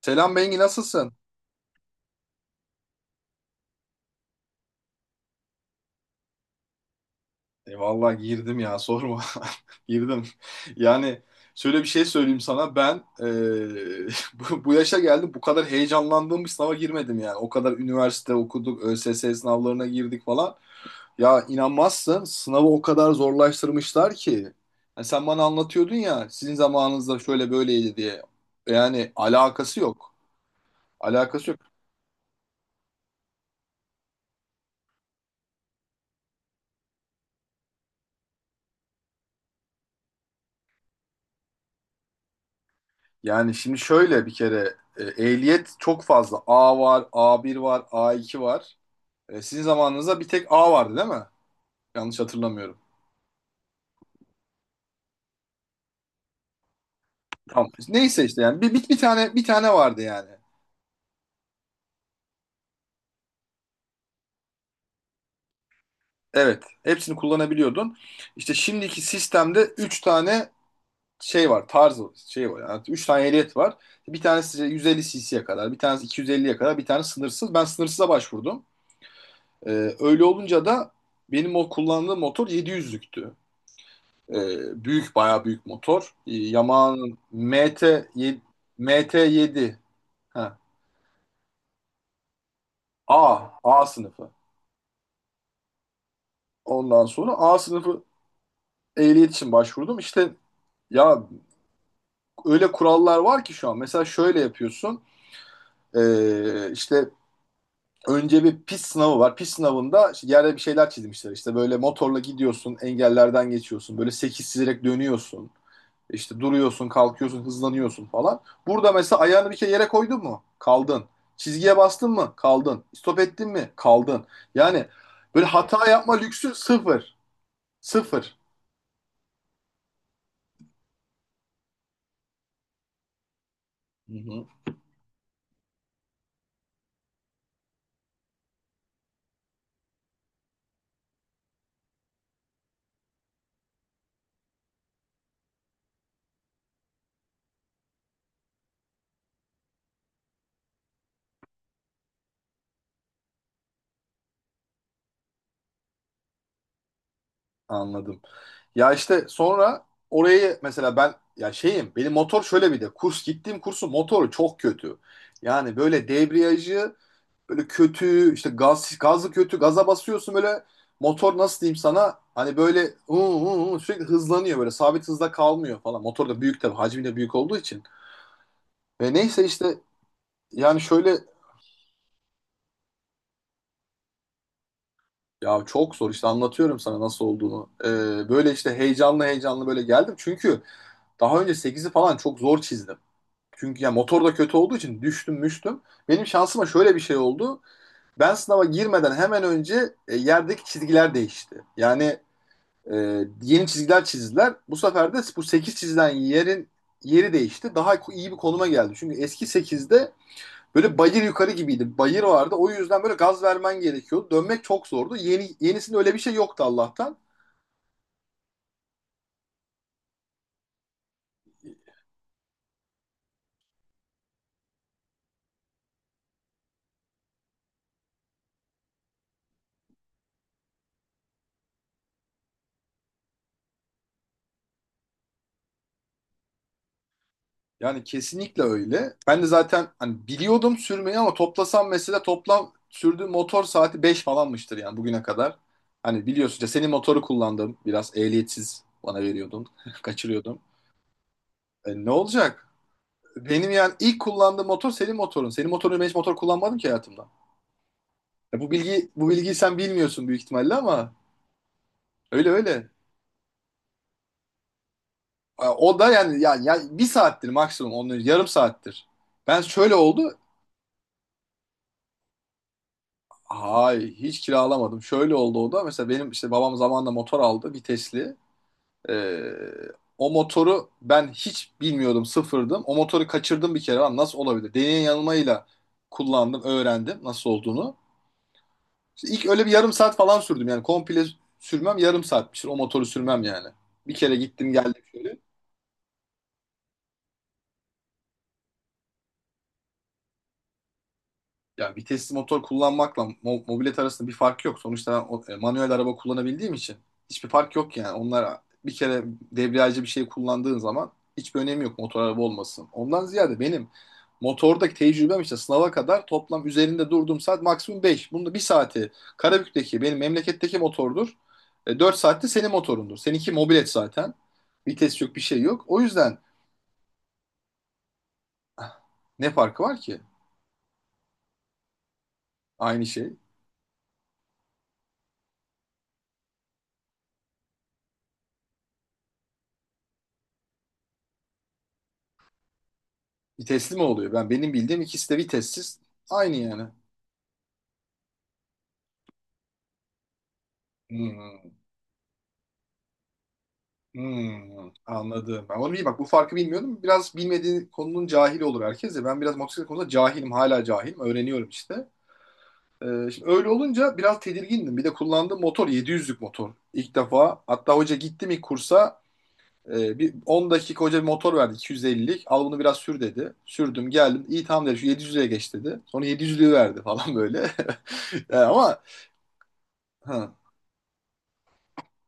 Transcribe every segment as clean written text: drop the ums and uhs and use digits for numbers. Selam Bengi nasılsın? Vallahi girdim ya sorma. Girdim. Yani şöyle bir şey söyleyeyim sana ben, bu yaşa geldim, bu kadar heyecanlandığım bir sınava girmedim yani. O kadar üniversite okuduk, ÖSS sınavlarına girdik falan. Ya inanmazsın, sınavı o kadar zorlaştırmışlar ki. Yani sen bana anlatıyordun ya sizin zamanınızda şöyle böyleydi diye. Yani alakası yok. Alakası yok. Yani şimdi şöyle bir kere ehliyet çok fazla. A var, A1 var, A2 var. Sizin zamanınızda bir tek A vardı değil mi? Yanlış hatırlamıyorum. Tamam. Neyse işte yani bir tane vardı yani. Evet. Hepsini kullanabiliyordun. İşte şimdiki sistemde 3 tane şey var, tarzı şey var. Yani 3 tane ehliyet var. Bir tanesi 150 cc'ye kadar, bir tanesi 250'ye kadar, bir tane sınırsız. Ben sınırsıza başvurdum. E, Öyle olunca da benim o kullandığım motor 700'lüktü. Büyük, bayağı büyük motor. Yamaha'nın MT7, MT7 ha, A sınıfı. Ondan sonra A sınıfı ehliyet için başvurdum. İşte ya öyle kurallar var ki şu an. Mesela şöyle yapıyorsun. İşte önce bir pist sınavı var. Pist sınavında işte yerde bir şeyler çizmişler. İşte böyle motorla gidiyorsun, engellerden geçiyorsun. Böyle 8 çizerek dönüyorsun. İşte duruyorsun, kalkıyorsun, hızlanıyorsun falan. Burada mesela ayağını bir kere yere koydun mu? Kaldın. Çizgiye bastın mı? Kaldın. Stop ettin mi? Kaldın. Yani böyle hata yapma lüksü sıfır. Sıfır. Hı hı. Anladım. Ya işte sonra orayı mesela ben, ya şeyim, benim motor şöyle, bir de kurs gittiğim kursun motoru çok kötü. Yani böyle debriyajı böyle kötü, işte gaz gazı kötü, gaza basıyorsun böyle. Motor, nasıl diyeyim sana, hani böyle uu, uu, uu, sürekli hızlanıyor, böyle sabit hızda kalmıyor falan. Motor da büyük tabii, hacmi de büyük olduğu için. Ve neyse işte yani şöyle, ya çok zor işte, anlatıyorum sana nasıl olduğunu. Böyle işte heyecanlı heyecanlı böyle geldim. Çünkü daha önce sekizi falan çok zor çizdim. Çünkü ya motor da kötü olduğu için düştüm müştüm. Benim şansıma şöyle bir şey oldu. Ben sınava girmeden hemen önce, yerdeki çizgiler değişti. Yani, yeni çizgiler çizdiler. Bu sefer de bu 8 çizilen yerin yeri değişti. Daha iyi bir konuma geldi. Çünkü eski sekizde böyle bayır yukarı gibiydi. Bayır vardı. O yüzden böyle gaz vermen gerekiyordu. Dönmek çok zordu. Yeni yenisinde öyle bir şey yoktu Allah'tan. Yani kesinlikle öyle. Ben de zaten hani biliyordum sürmeyi ama toplasam mesela toplam sürdüğüm motor saati 5 falanmıştır yani bugüne kadar. Hani biliyorsun ya, senin motoru kullandım. Biraz ehliyetsiz bana veriyordun. Kaçırıyordum. Ne olacak? Benim yani ilk kullandığım motor senin motorun. Senin motorunu, ben hiç motor kullanmadım ki hayatımda. Ya bu bilgi, bu bilgiyi sen bilmiyorsun büyük ihtimalle ama öyle öyle. O da yani ya bir saattir maksimum, onun yarım saattir. Ben, şöyle oldu. Hay hiç kiralamadım. Şöyle oldu o da. Mesela benim işte babam zamanında motor aldı, vitesli. Ee, O motoru ben hiç bilmiyordum, sıfırdım. O motoru kaçırdım bir kere. Lan nasıl olabilir? Deneye yanılmayla kullandım, öğrendim nasıl olduğunu. İşte ilk öyle bir yarım saat falan sürdüm yani, komple sürmem yarım saatmiştir, o motoru sürmem yani. Bir kere gittim geldim şöyle. Ya vitesli motor kullanmakla mobilet arasında bir fark yok. Sonuçta ben manuel araba kullanabildiğim için hiçbir fark yok yani. Onlar bir kere debriyajcı bir şey kullandığın zaman hiçbir önemi yok, motor araba olmasın. Ondan ziyade benim motordaki tecrübem, işte sınava kadar toplam üzerinde durduğum saat maksimum 5. Bunda bir saati Karabük'teki benim memleketteki motordur. 4 saatte senin motorundur. Seninki mobilet zaten. Vites yok, bir şey yok. O yüzden ne farkı var ki? Aynı şey. Vitesli mi oluyor? Benim bildiğim ikisi de vitessiz. Aynı yani. Hmm, hmm, anladım. Ben onu bileyim. Bak bu farkı bilmiyordum. Biraz bilmediği konunun cahili olur herkes de. Ben biraz motosiklet konusunda cahilim. Hala cahilim. Öğreniyorum işte. Şimdi öyle olunca biraz tedirgindim. Bir de kullandığım motor 700'lük motor. İlk defa. Hatta hoca gittim ilk kursa. Bir 10 dakika hoca bir motor verdi, 250'lik. Al bunu biraz sür dedi. Sürdüm geldim. İyi, tamam dedi. Şu 700'lüğe geç dedi. Sonra 700'lüğü verdi falan böyle. Yani ama ha.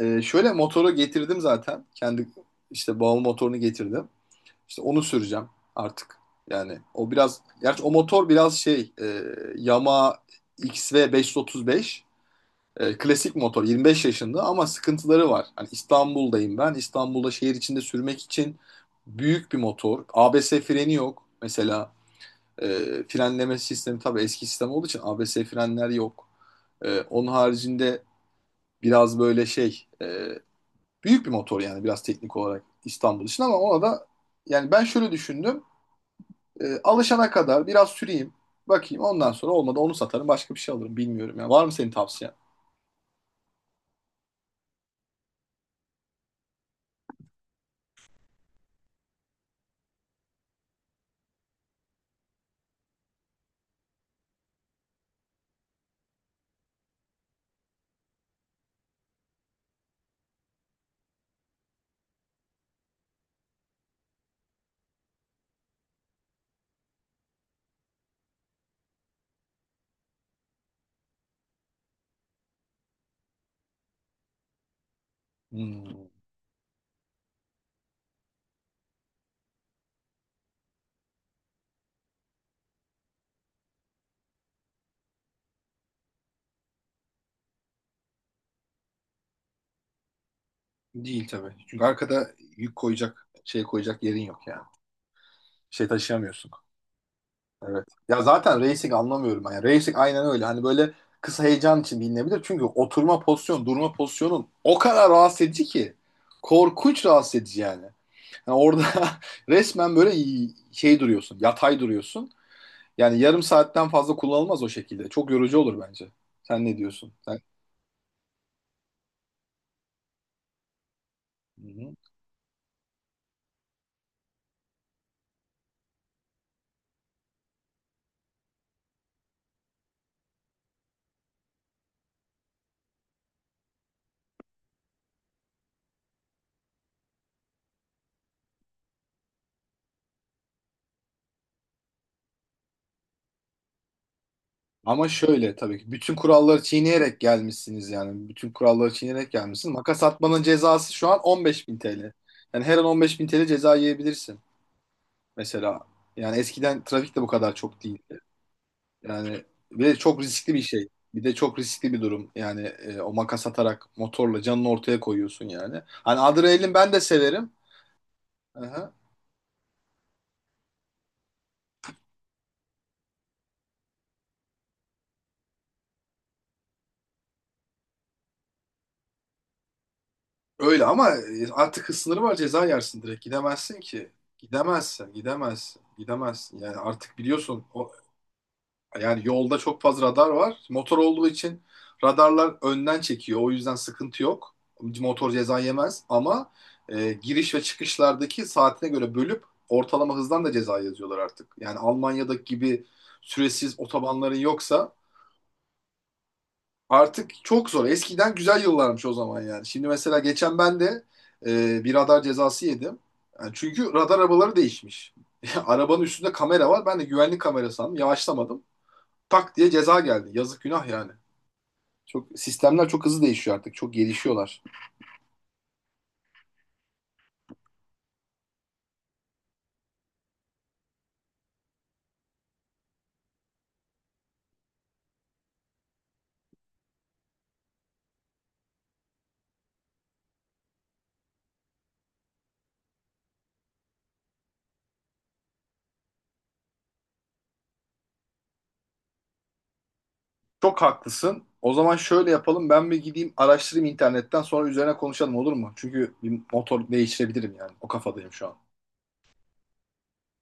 Şöyle, motoru getirdim zaten. Kendi işte bağımlı motorunu getirdim. İşte onu süreceğim artık. Yani o biraz, gerçi o motor biraz şey, Yamaha XV 535, klasik motor, 25 yaşında ama sıkıntıları var. Hani İstanbul'dayım ben. İstanbul'da şehir içinde sürmek için büyük bir motor. ABS freni yok. Mesela e, frenleme sistemi tabii eski sistem olduğu için ABS frenler yok. Onun haricinde biraz böyle şey, büyük bir motor yani, biraz teknik olarak İstanbul için ama ona da yani ben şöyle düşündüm. Alışana kadar biraz süreyim. Bakayım, ondan sonra olmadı onu satarım, başka bir şey alırım bilmiyorum. Yani var mı senin tavsiyen? Hmm, değil tabii. Çünkü arkada yük koyacak, şey koyacak yerin yok yani. Şey taşıyamıyorsun. Evet. Ya zaten racing anlamıyorum ben. Yani racing aynen öyle. Hani böyle kısa heyecan için bilinebilir. Çünkü oturma pozisyon, durma pozisyonun o kadar rahatsız edici ki. Korkunç rahatsız edici yani. Yani orada resmen böyle şey duruyorsun, yatay duruyorsun. Yani yarım saatten fazla kullanılmaz o şekilde. Çok yorucu olur bence. Sen ne diyorsun? Sen... Hı hı. Ama şöyle, tabii ki bütün kuralları çiğneyerek gelmişsiniz yani. Bütün kuralları çiğneyerek gelmişsin. Makas atmanın cezası şu an 15.000 TL. Yani her an 15.000 TL ceza yiyebilirsin mesela. Yani eskiden trafik de bu kadar çok değil. Yani ve çok riskli bir şey. Bir de çok riskli bir durum. Yani o makas atarak motorla canını ortaya koyuyorsun yani. Hani adrenalin, ben de severim. Aha. Öyle ama artık hız sınırı var, ceza yersin direkt. Gidemezsin ki. Gidemezsin, gidemezsin, gidemezsin. Yani artık biliyorsun o. Yani yolda çok fazla radar var. Motor olduğu için radarlar önden çekiyor. O yüzden sıkıntı yok. Motor ceza yemez ama giriş ve çıkışlardaki saatine göre bölüp ortalama hızdan da ceza yazıyorlar artık. Yani Almanya'daki gibi süresiz otobanların yoksa artık çok zor. Eskiden güzel yıllarmış o zaman yani. Şimdi mesela geçen ben de bir radar cezası yedim. Yani çünkü radar arabaları değişmiş. Arabanın üstünde kamera var. Ben de güvenlik kamera sandım. Yavaşlamadım, tak diye ceza geldi. Yazık günah yani. Çok sistemler çok hızlı değişiyor artık. Çok gelişiyorlar. Çok haklısın. O zaman şöyle yapalım. Ben bir gideyim araştırayım internetten, sonra üzerine konuşalım olur mu? Çünkü bir motor değiştirebilirim yani. O kafadayım şu an.